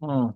Mm,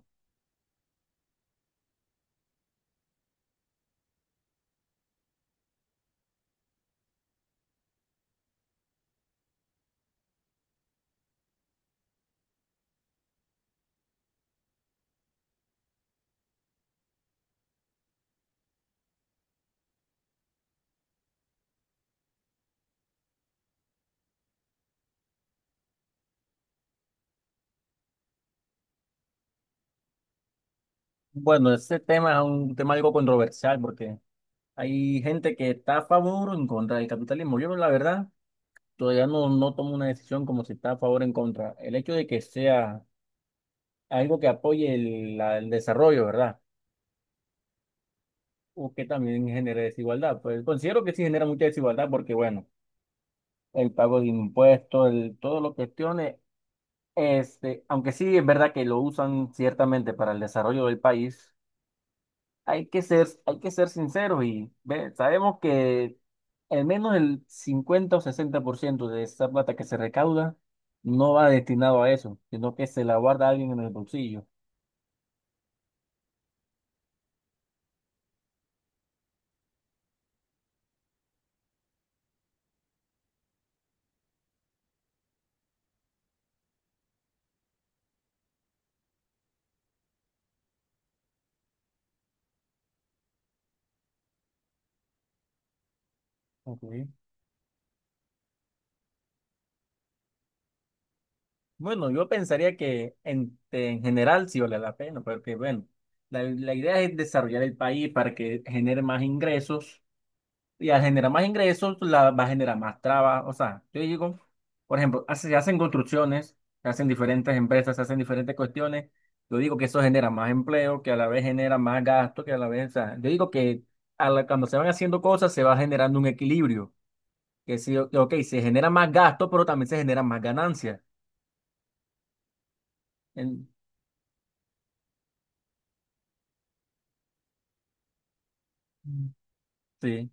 Bueno, ese tema es un tema algo controversial porque hay gente que está a favor o en contra del capitalismo. Yo, la verdad, todavía no tomo una decisión como si está a favor o en contra. El hecho de que sea algo que apoye el desarrollo, ¿verdad? O que también genere desigualdad. Pues considero que sí genera mucha desigualdad porque, bueno, el pago de impuestos, todo lo que cuestiones, aunque sí es verdad que lo usan ciertamente para el desarrollo del país. Hay que ser sinceros y sabemos que al menos el 50 o 60% de esa plata que se recauda no va destinado a eso, sino que se la guarda alguien en el bolsillo. Ok. Bueno, yo pensaría que en general sí vale la pena, porque bueno, la idea es desarrollar el país para que genere más ingresos. Y al generar más ingresos, pues, va a generar más trabajo. O sea, yo digo, por ejemplo, se hacen construcciones, se hacen diferentes empresas, se hacen diferentes cuestiones. Yo digo que eso genera más empleo, que a la vez genera más gasto, que a la vez, o sea, yo digo que cuando se van haciendo cosas se va generando un equilibrio. Que sí, ok, se genera más gasto, pero también se generan más ganancias. En- Mm. Sí,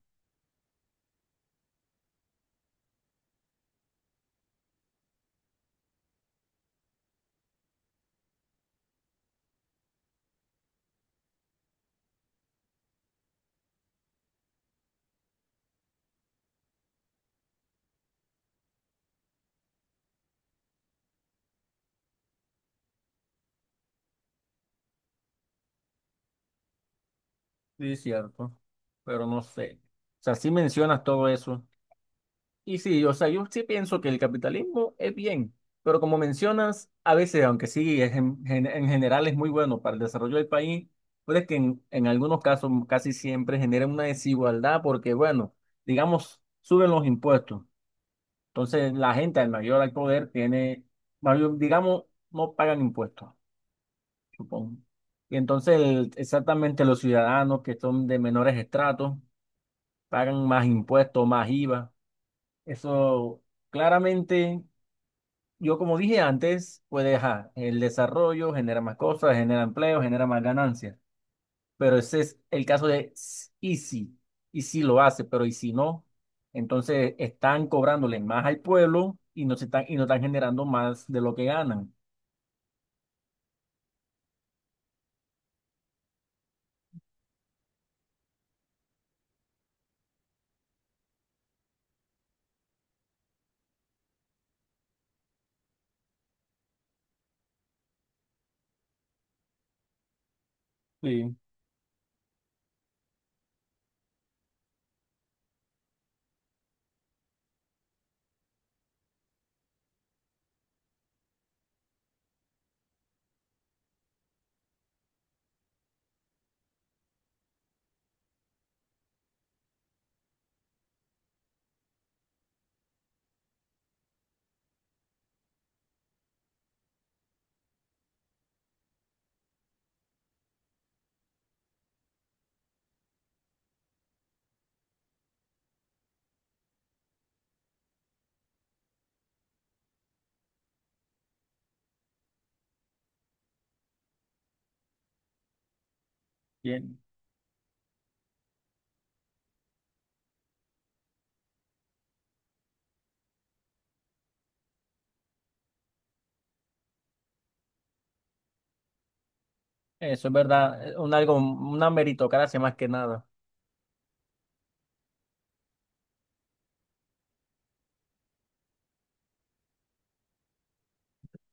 sí, es cierto. Pero no sé. O sea, sí mencionas todo eso. Y sí, o sea, yo sí pienso que el capitalismo es bien, pero como mencionas, a veces, aunque sí, es en general es muy bueno para el desarrollo del país, puede que en algunos casos casi siempre genera una desigualdad porque, bueno, digamos, suben los impuestos. Entonces, la gente al mayor al poder tiene, digamos, no pagan impuestos, supongo. Y entonces, exactamente los ciudadanos que son de menores estratos pagan más impuestos, más IVA. Eso claramente. Yo, como dije antes, pues ajá, el desarrollo genera más cosas, genera empleo, genera más ganancias. Pero ese es el caso y si lo hace, pero y si no, entonces están cobrándole más al pueblo y y no están generando más de lo que ganan. Sí. Bien, eso es verdad, una meritocracia más que nada.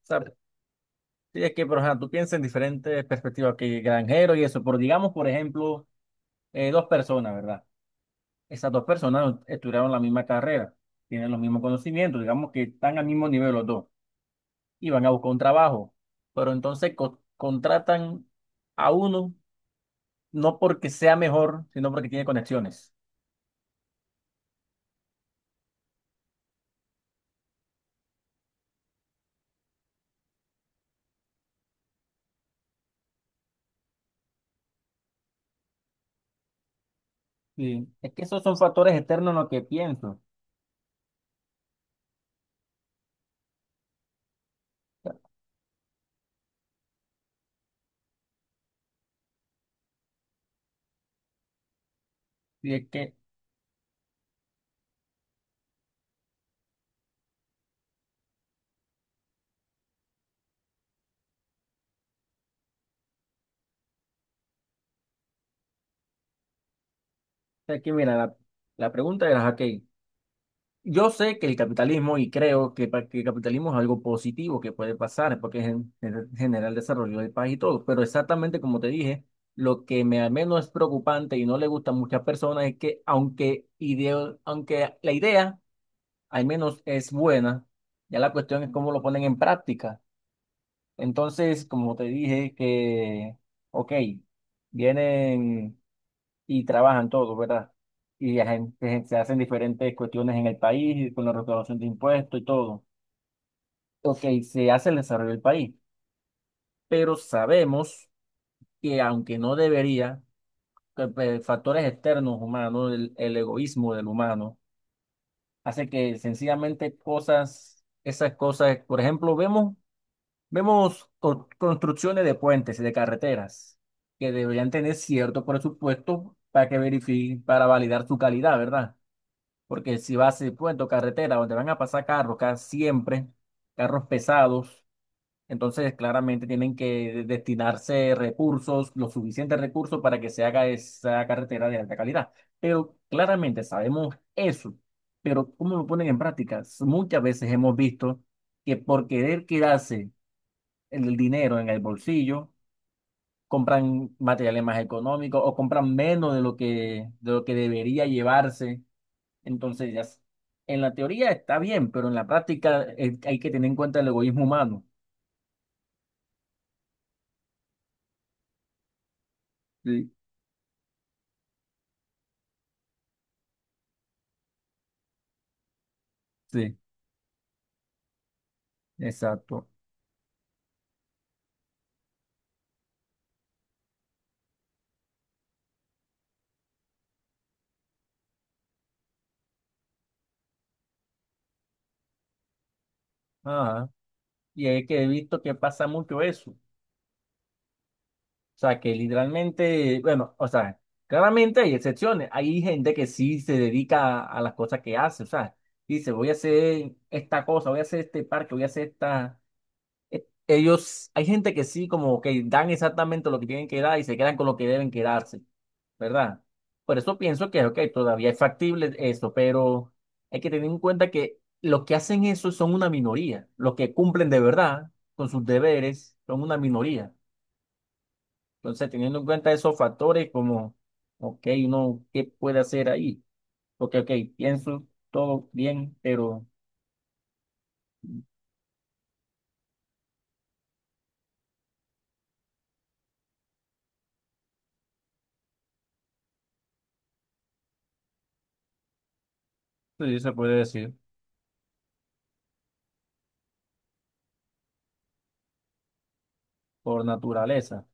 ¿Sabes? Sí, es que, pero ajá, tú piensas en diferentes perspectivas que granjero y eso, pero digamos, por ejemplo, dos personas, ¿verdad? Esas dos personas no estudiaron la misma carrera, tienen los mismos conocimientos, digamos que están al mismo nivel los dos y van a buscar un trabajo, pero entonces contratan a uno no porque sea mejor, sino porque tiene conexiones. Sí. Es que esos son factores externos en lo que pienso. Y es que, es que mira, la pregunta era, ok. Yo sé que el capitalismo, y creo que, que el capitalismo es algo positivo que puede pasar, porque es en general desarrollo del país y todo, pero exactamente como te dije, lo que me al menos es preocupante y no le gusta a muchas personas es que aunque, aunque la idea al menos es buena, ya la cuestión es cómo lo ponen en práctica. Entonces, como te dije, que, ok, vienen y trabajan todos, ¿verdad? Y se hacen diferentes cuestiones en el país, con la recaudación de impuestos y todo. Ok, se hace el desarrollo del país, pero sabemos que aunque no debería, que, pues, factores externos humanos, el egoísmo del humano, hace que sencillamente cosas, esas cosas, por ejemplo, vemos construcciones de puentes y de carreteras que deberían tener cierto presupuesto para que verifiquen, para validar su calidad, ¿verdad? Porque si vas a puerto, carretera, donde van a pasar carros, siempre, carros pesados, entonces claramente tienen que destinarse recursos, los suficientes recursos para que se haga esa carretera de alta calidad. Pero claramente sabemos eso, pero ¿cómo lo ponen en práctica? Muchas veces hemos visto que por querer quedarse el dinero en el bolsillo, compran materiales más económicos o compran menos de lo que debería llevarse. Entonces, en la teoría está bien, pero en la práctica hay que tener en cuenta el egoísmo humano. Sí, sí, exacto. Ajá. Y es que he visto que pasa mucho eso. O sea, que literalmente, bueno, o sea, claramente hay excepciones. Hay gente que sí se dedica a las cosas que hace. O sea, dice, voy a hacer esta cosa, voy a hacer este parque, voy a hacer esta. Ellos, hay gente que sí, como que dan exactamente lo que tienen que dar y se quedan con lo que deben quedarse, ¿verdad? Por eso pienso que, ok, todavía es factible eso, pero hay que tener en cuenta que los que hacen eso son una minoría. Los que cumplen de verdad con sus deberes son una minoría. Entonces, teniendo en cuenta esos factores, como, ok, uno, ¿qué puede hacer ahí? Porque, ok, pienso todo bien, pero sí, se puede decir por naturaleza,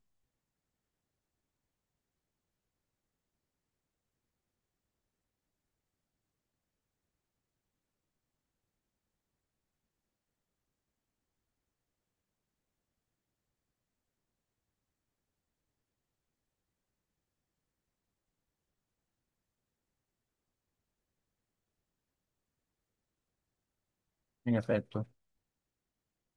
en efecto.